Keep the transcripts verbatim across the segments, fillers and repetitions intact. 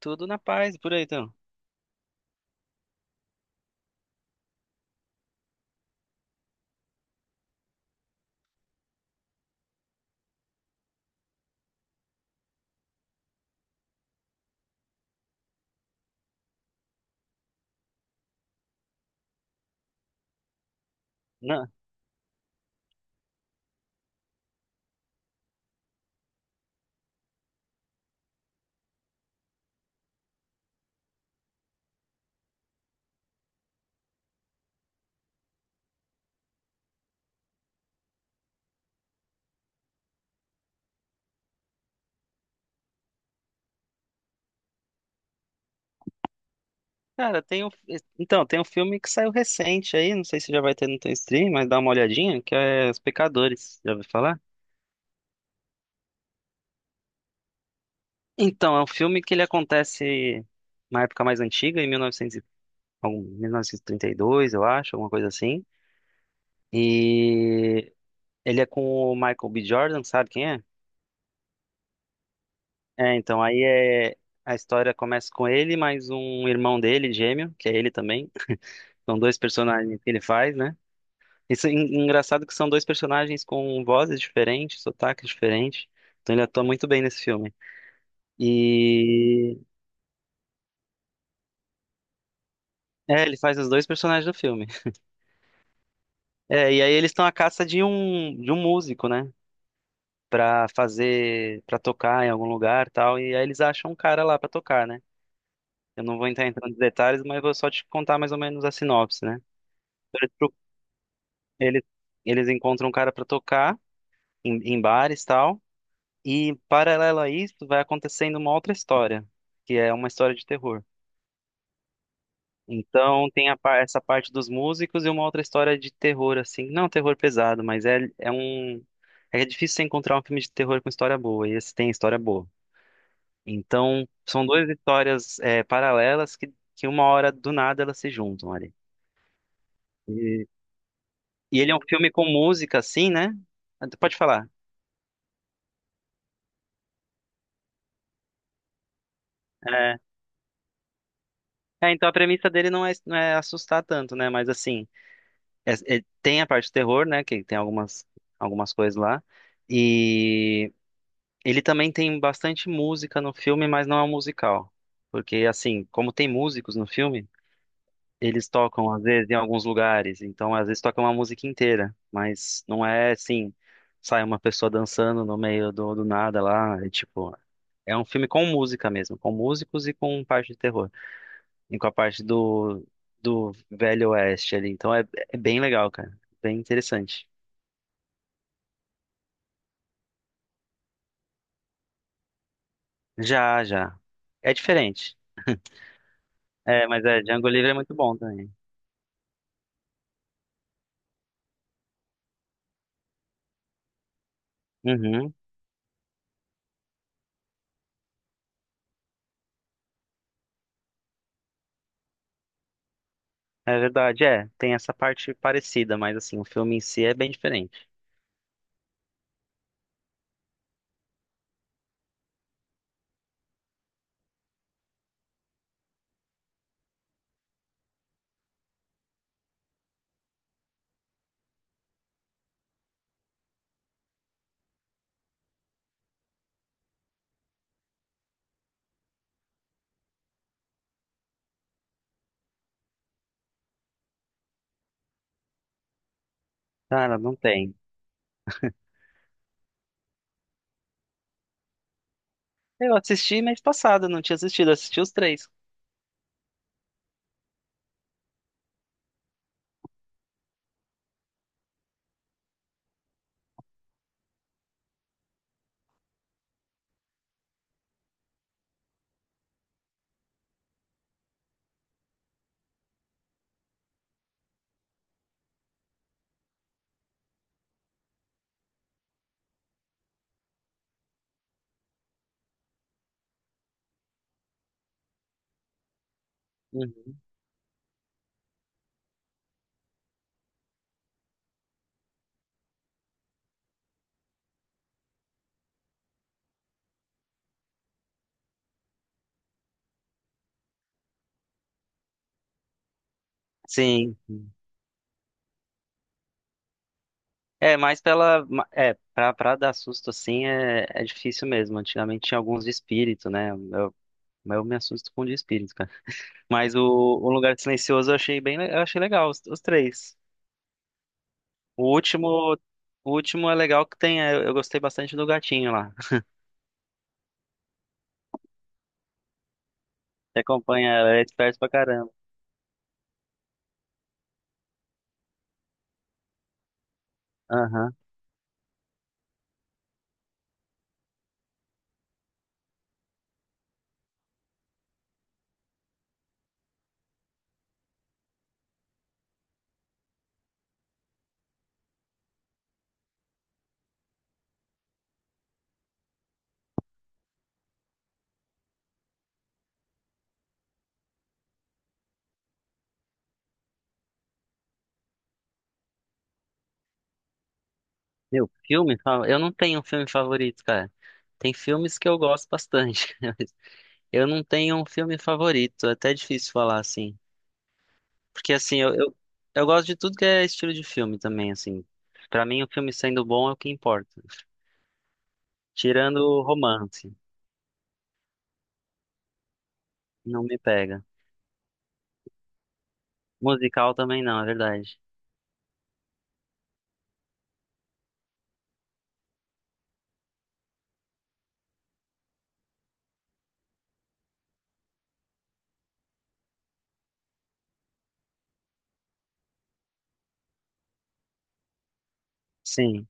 Tudo na paz, por aí então. Não. Cara, tem um, então, tem um filme que saiu recente aí, não sei se já vai ter no teu stream, mas dá uma olhadinha, que é Os Pecadores, já ouviu falar? Então, é um filme que ele acontece na época mais antiga, em mil e novecentos, e- novecentos, e- algum- mil novecentos e trinta e dois, eu acho, alguma coisa assim. E ele é com o Michael B. Jordan, sabe quem é? É, então, aí é, a história começa com ele, mais um irmão dele, gêmeo, que é ele também. São dois personagens que ele faz, né? Isso é en- engraçado que são dois personagens com vozes diferentes, sotaques diferentes. Então ele atua muito bem nesse filme. E é, ele faz os dois personagens do filme. É, e aí eles estão à caça de um de um músico, né? Pra fazer, pra tocar em algum lugar, e tal, e aí eles acham um cara lá pra tocar, né? Eu não vou entrar em tantos detalhes, mas vou só te contar mais ou menos a sinopse, né? Eles, eles eles encontram um cara pra tocar em, em bares, tal. E paralelo a isso, vai acontecendo uma outra história, que é uma história de terror. Então tem a par- essa parte dos músicos e uma outra história de terror, assim, não terror pesado, mas é, é um é difícil você encontrar um filme de terror com história boa, e esse tem história boa. Então são duas histórias é, paralelas que, que uma hora do nada elas se juntam ali. E, e ele é um filme com música, assim, né? Ah, tu pode falar. É, é, então a premissa dele não é, não é assustar tanto, né? Mas assim. é- é- tem a parte do terror, né? Que tem algumas, algumas coisas lá. E ele também tem bastante música no filme, mas não é um musical. Porque, assim, como tem músicos no filme, eles tocam, às vezes, em alguns lugares. Então, às vezes, tocam uma música inteira. Mas não é assim, sai uma pessoa dançando no meio do, do nada lá. É tipo. É um filme com música mesmo, com músicos e com parte de terror. E com a parte do, do Velho Oeste ali. Então é, é bem legal, cara. Bem interessante. Já, já. É diferente. É, mas é, Django Livre é muito bom também. Uhum. É verdade, é. Tem essa parte parecida, mas assim, o filme em si é bem diferente. Cara, não tem. Eu assisti mês passado, não tinha assistido, eu assisti os três. Uhum. Sim. É, mas pela. ma- É, pra, pra dar susto assim é, é difícil mesmo. Antigamente tinha alguns de espírito, né? Eu, eu me assusto com de espírito, cara. Mas o, o Lugar Silencioso eu achei bem, le- eu achei legal, os, os três. O último, o último é legal que tem. É, Eu gostei bastante do gatinho lá. Você acompanha ela, ela é esperto pra caramba. Aham. Meu, filme? fa- Eu não tenho um filme favorito, cara. Tem filmes que eu gosto bastante. Mas eu não tenho um filme favorito. É até difícil falar assim. Porque assim, eu, eu, eu gosto de tudo que é estilo de filme também, assim. Pra mim, o filme sendo bom é o que importa. Tirando o romance, não me pega. Musical também não, é verdade. Sim.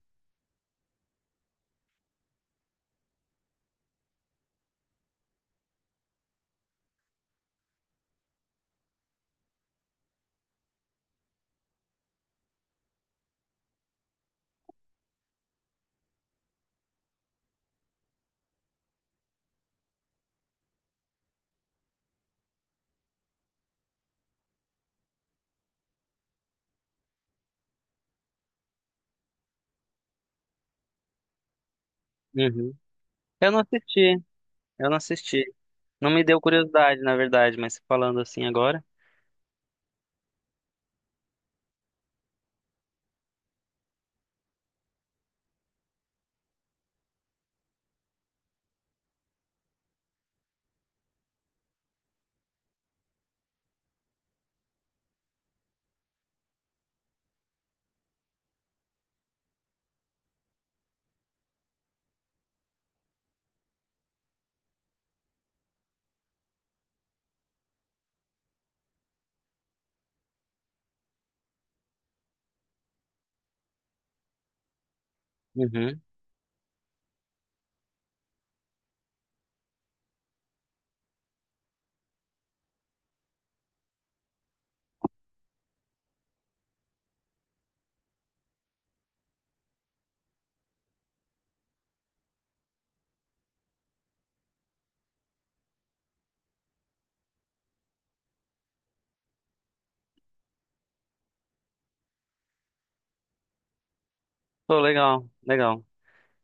Uhum. Eu não assisti. Eu não assisti. Não me deu curiosidade, na verdade, mas falando assim agora. Uhum. Pô, legal, legal.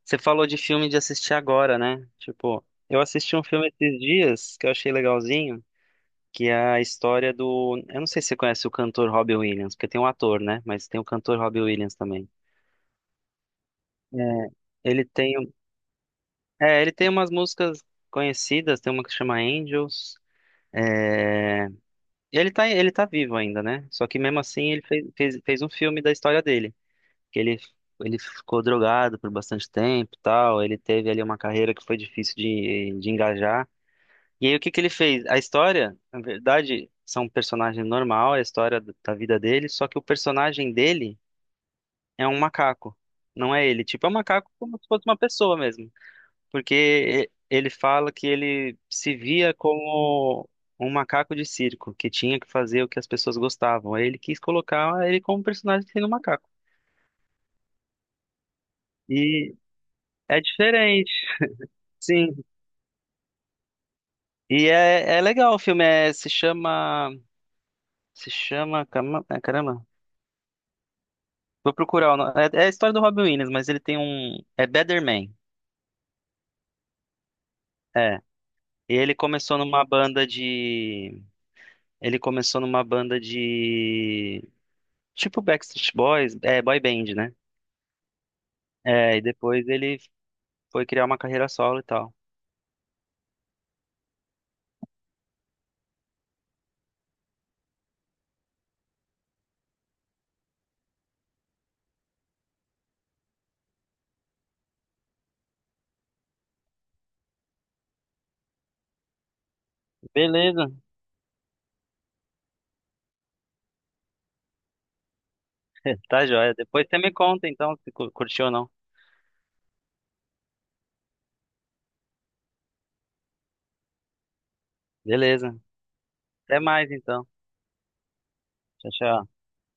Você falou de filme de assistir agora, né? Tipo, eu assisti um filme esses dias que eu achei legalzinho, que é a história do. Eu não sei se você conhece o cantor Robbie Williams, porque tem um ator, né? Mas tem o cantor Robbie Williams também. É, ele tem. É, ele tem umas músicas conhecidas, tem uma que chama Angels. É... e ele tá, ele tá vivo ainda, né? Só que mesmo assim ele fez, fez, fez um filme da história dele. Que ele, ele ficou drogado por bastante tempo e tal. Ele teve ali uma carreira que foi difícil de, de engajar. E aí, o que que ele fez? A história, na verdade, são um personagem normal, é a história do- da vida dele, só que o personagem dele é um macaco, não é ele. Tipo, é um macaco como se fosse uma pessoa mesmo. Porque e- ele fala que ele se via como um macaco de circo, que tinha que fazer o que as pessoas gostavam. Aí ele quis colocar ele como personagem sendo um macaco. E é diferente. Sim. E é, é legal o filme, é, se chama. Se chama. cama- é, Caramba. Vou procurar o nome. É, é a história do Robin Williams, mas ele tem um. É Better Man. É. E ele começou numa banda de. Ele começou numa banda de. Tipo Backstreet Boys, é, boy band, né? É, e depois ele foi criar uma carreira solo e tal. Beleza. Tá joia. Depois você me conta então se cu- curtiu ou não. Beleza. Até mais então. Tchau, tchau.